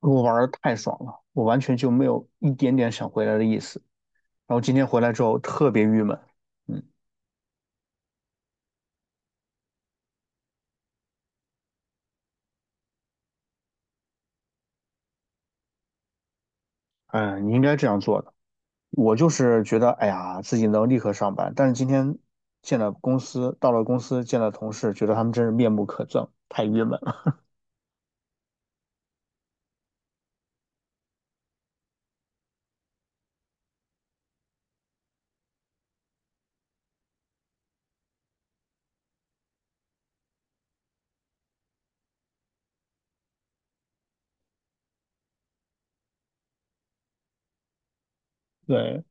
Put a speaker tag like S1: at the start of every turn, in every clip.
S1: 我玩的太爽了，我完全就没有一点点想回来的意思。然后今天回来之后特别郁闷，嗯，嗯，你应该这样做的。我就是觉得，哎呀，自己能立刻上班，但是今天见了公司，到了公司见了同事，觉得他们真是面目可憎，太郁闷了。对，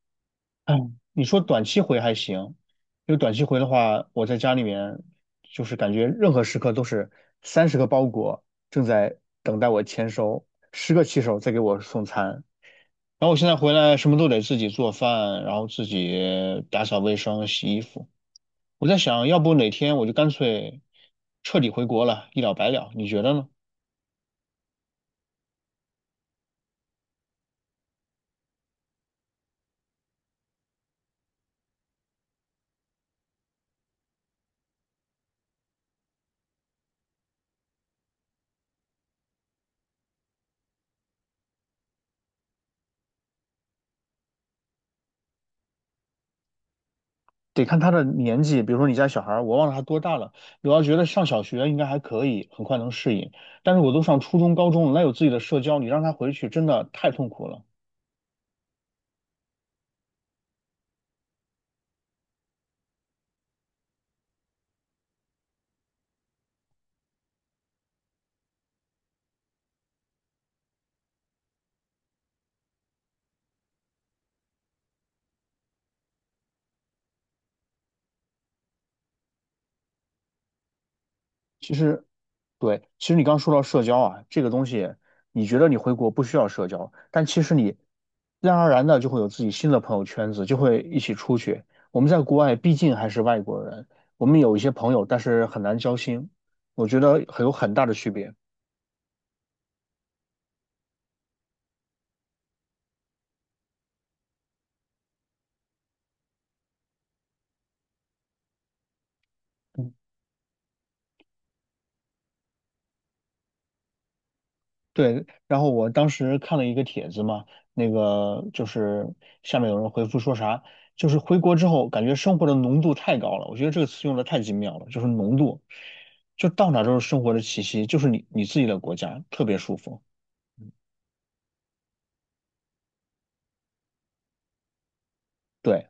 S1: 哎，你说短期回还行，因为短期回的话，我在家里面就是感觉任何时刻都是30个包裹正在等待我签收，十个骑手在给我送餐。然后我现在回来什么都得自己做饭，然后自己打扫卫生、洗衣服。我在想，要不哪天我就干脆彻底回国了，一了百了。你觉得呢？得看他的年纪，比如说你家小孩儿，我忘了他多大了。我要觉得上小学应该还可以，很快能适应。但是我都上初中、高中了，那有自己的社交，你让他回去真的太痛苦了。其实，对，其实你刚说到社交啊，这个东西，你觉得你回国不需要社交，但其实你自然而然的就会有自己新的朋友圈子，就会一起出去。我们在国外毕竟还是外国人，我们有一些朋友，但是很难交心，我觉得很有很大的区别。对，然后我当时看了一个帖子嘛，那个就是下面有人回复说啥，就是回国之后感觉生活的浓度太高了，我觉得这个词用的太精妙了，就是浓度，就到哪都是生活的气息，就是你自己的国家，特别舒服。对。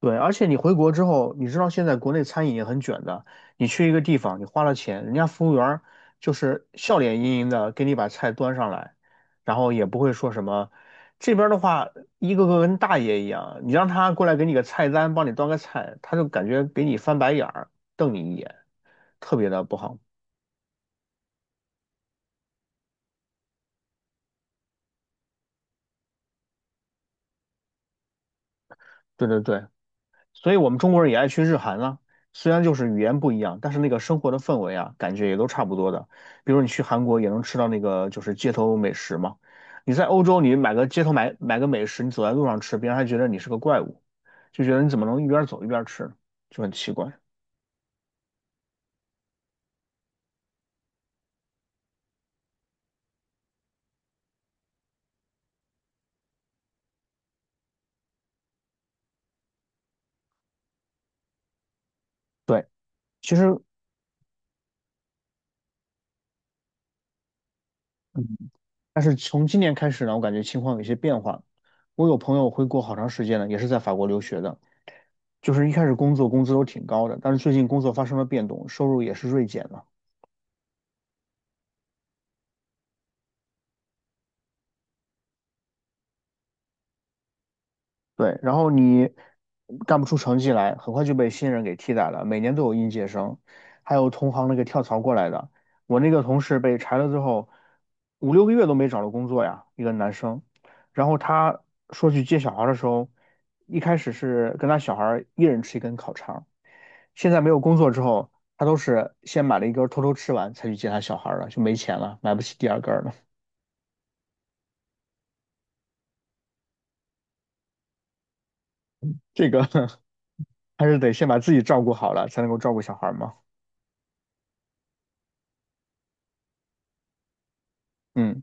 S1: 对，而且你回国之后，你知道现在国内餐饮也很卷的。你去一个地方，你花了钱，人家服务员儿就是笑脸盈盈的给你把菜端上来，然后也不会说什么。这边儿的话，一个个跟大爷一样，你让他过来给你个菜单，帮你端个菜，他就感觉给你翻白眼儿，瞪你一眼，特别的不好。对对对，所以我们中国人也爱去日韩啊，虽然就是语言不一样，但是那个生活的氛围啊，感觉也都差不多的。比如你去韩国也能吃到那个就是街头美食嘛，你在欧洲你买个街头买买个美食，你走在路上吃，别人还觉得你是个怪物，就觉得你怎么能一边走一边吃呢，就很奇怪。对，其实，嗯，但是从今年开始呢，我感觉情况有些变化。我有朋友回国好长时间了，也是在法国留学的，就是一开始工作工资都挺高的，但是最近工作发生了变动，收入也是锐减了。对，然后你干不出成绩来，很快就被新人给替代了。每年都有应届生，还有同行那个跳槽过来的。我那个同事被裁了之后，五六个月都没找到工作呀，一个男生。然后他说去接小孩儿的时候，一开始是跟他小孩儿一人吃一根烤肠，现在没有工作之后，他都是先买了一根儿偷偷吃完才去接他小孩儿了，就没钱了，买不起第二根儿了。这个 还是得先把自己照顾好了，才能够照顾小孩儿嘛。嗯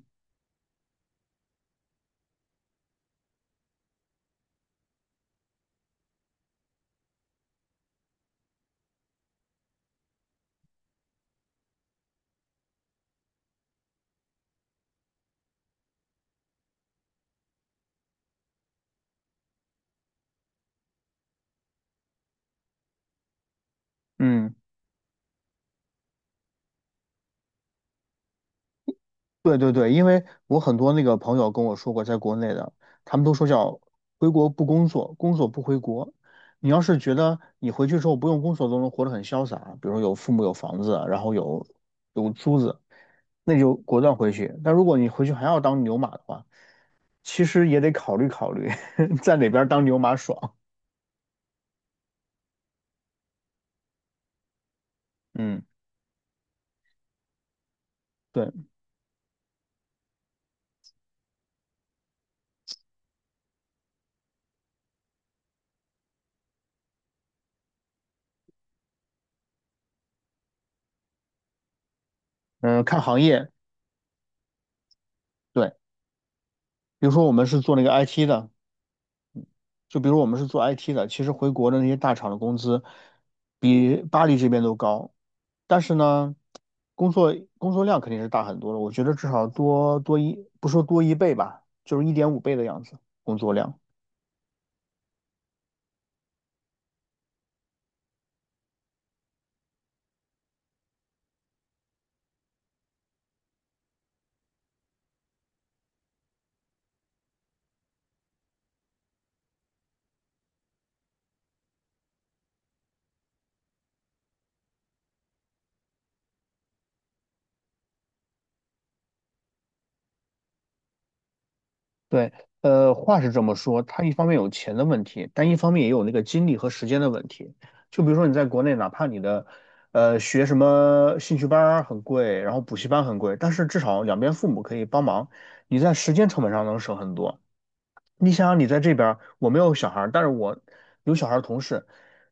S1: 嗯。对对对，因为我很多那个朋友跟我说过，在国内的，他们都说叫回国不工作，工作不回国。你要是觉得你回去之后不用工作都能活得很潇洒，比如有父母有房子，然后有有租子，那就果断回去。但如果你回去还要当牛马的话，其实也得考虑考虑 在哪边当牛马爽。嗯，对，嗯，看行业，对，比如说我们是做那个 IT 的，就比如我们是做 IT 的，其实回国的那些大厂的工资比巴黎这边都高，但是呢，工作工作量肯定是大很多的，我觉得至少多多一，不说多一倍吧，就是1.5倍的样子，工作量。对，呃，话是这么说，他一方面有钱的问题，但一方面也有那个精力和时间的问题。就比如说你在国内，哪怕你的学什么兴趣班儿很贵，然后补习班很贵，但是至少两边父母可以帮忙，你在时间成本上能省很多。你想想，你在这边儿，我没有小孩儿，但是我有小孩儿同事，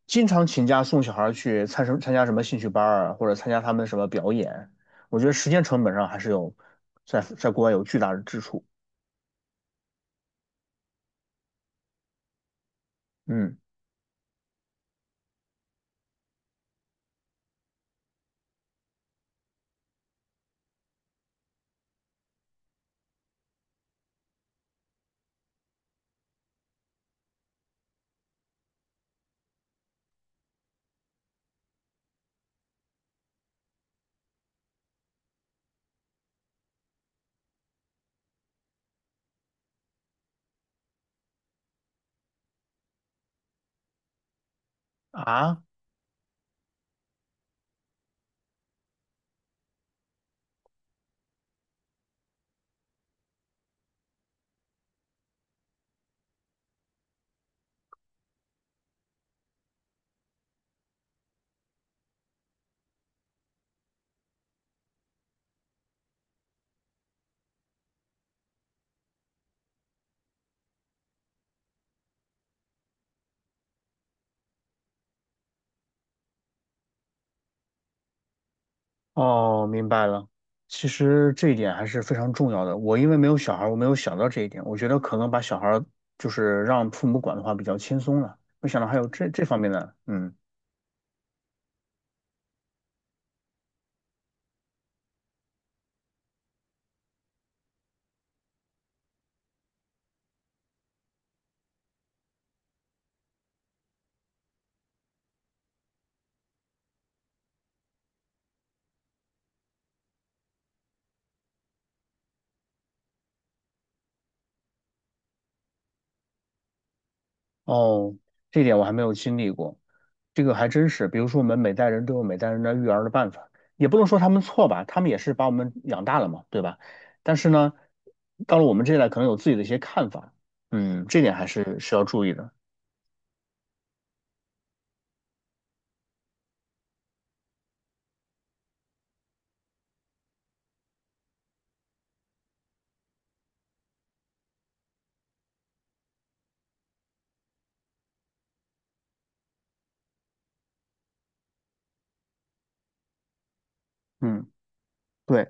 S1: 经常请假送小孩儿去参加什么兴趣班儿啊，或者参加他们什么表演。我觉得时间成本上还是有在国外有巨大的支出。嗯啊，哦，明白了。其实这一点还是非常重要的。我因为没有小孩儿，我没有想到这一点。我觉得可能把小孩儿就是让父母管的话比较轻松了，没想到还有这方面的。嗯。哦，这点我还没有经历过，这个还真是。比如说，我们每代人都有每代人的育儿的办法，也不能说他们错吧，他们也是把我们养大了嘛，对吧？但是呢，到了我们这一代，可能有自己的一些看法，嗯，这点还是要注意的。嗯，对。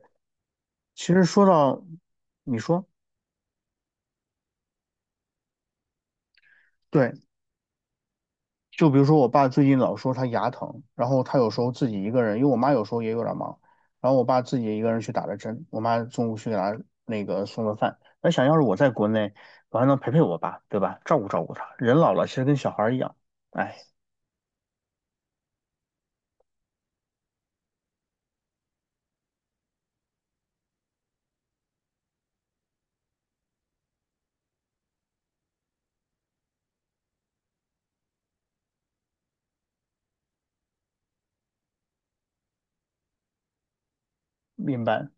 S1: 其实说到，你说，对。就比如说我爸最近老说他牙疼，然后他有时候自己一个人，因为我妈有时候也有点忙，然后我爸自己一个人去打了针，我妈中午去给他那个送了饭。那想要是我在国内，我还能陪陪我爸，对吧？照顾照顾他。人老了其实跟小孩儿一样，哎，明白。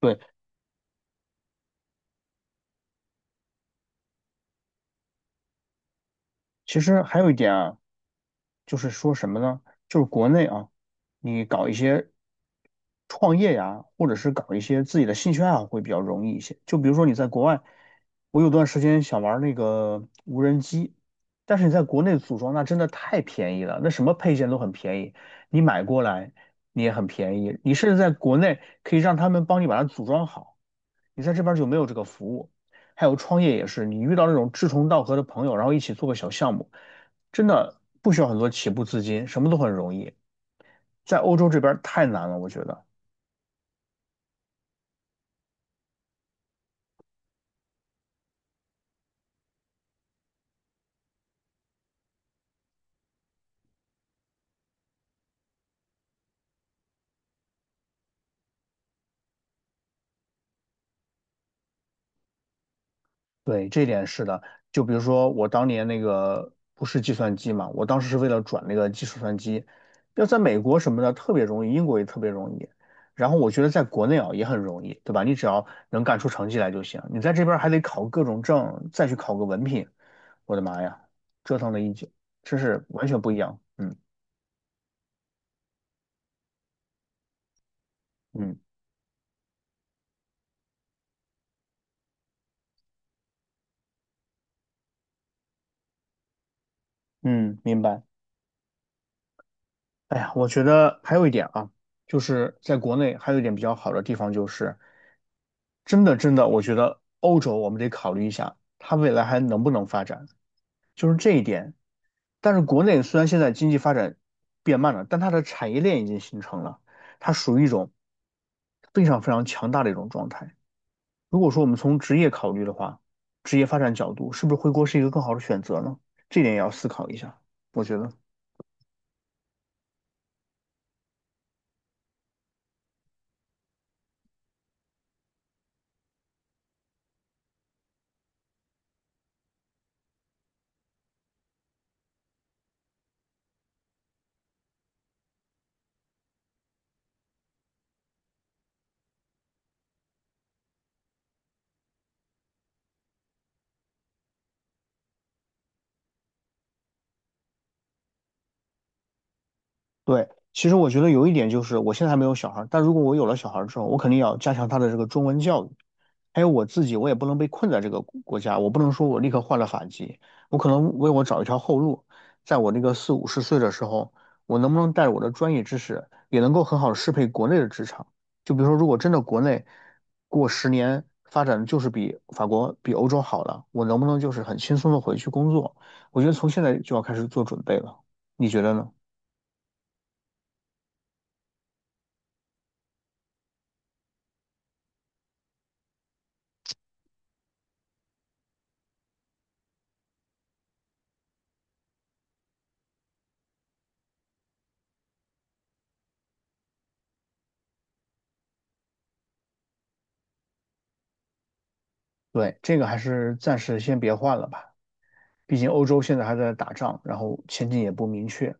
S1: 对，其实还有一点啊，就是说什么呢？就是国内啊，你搞一些创业呀，或者是搞一些自己的兴趣爱好会比较容易一些。就比如说你在国外，我有段时间想玩那个无人机，但是你在国内组装那真的太便宜了，那什么配件都很便宜，你买过来你也很便宜。你甚至在国内可以让他们帮你把它组装好。你在这边就没有这个服务。还有创业也是，你遇到那种志同道合的朋友，然后一起做个小项目，真的不需要很多起步资金，什么都很容易。在欧洲这边太难了，我觉得。对，这点是的。就比如说我当年那个不是计算机嘛，我当时是为了转那个计数算机，要在美国什么的特别容易，英国也特别容易。然后我觉得在国内啊也很容易，对吧？你只要能干出成绩来就行。你在这边还得考各种证，再去考个文凭。我的妈呀，折腾了一宿，这是完全不一样。嗯嗯嗯，明白。哎呀，我觉得还有一点啊，就是在国内还有一点比较好的地方，就是真的真的，我觉得欧洲我们得考虑一下，它未来还能不能发展，就是这一点。但是国内虽然现在经济发展变慢了，但它的产业链已经形成了，它属于一种非常非常强大的一种状态。如果说我们从职业考虑的话，职业发展角度，是不是回国是一个更好的选择呢？这点也要思考一下，我觉得。对，其实我觉得有一点就是，我现在还没有小孩儿，但如果我有了小孩儿之后，我肯定要加强他的这个中文教育。还有我自己，我也不能被困在这个国家，我不能说我立刻换了法籍，我可能为我找一条后路，在我这个四五十岁的时候，我能不能带着我的专业知识，也能够很好的适配国内的职场？就比如说，如果真的国内过10年发展就是比法国、比欧洲好了，我能不能就是很轻松的回去工作？我觉得从现在就要开始做准备了，你觉得呢？对，这个还是暂时先别换了吧，毕竟欧洲现在还在打仗，然后前景也不明确。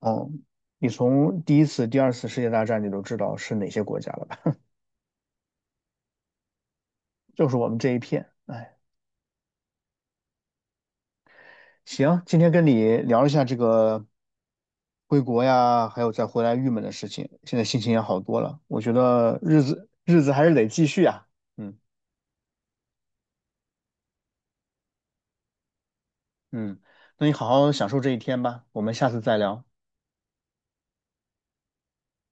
S1: 哦，你从第一次、第二次世界大战你都知道是哪些国家了吧？就是我们这一片。哎，行，今天跟你聊一下这个回国呀，还有再回来郁闷的事情，现在心情也好多了。我觉得日子日子还是得继续啊。嗯嗯，那你好好享受这一天吧，我们下次再聊。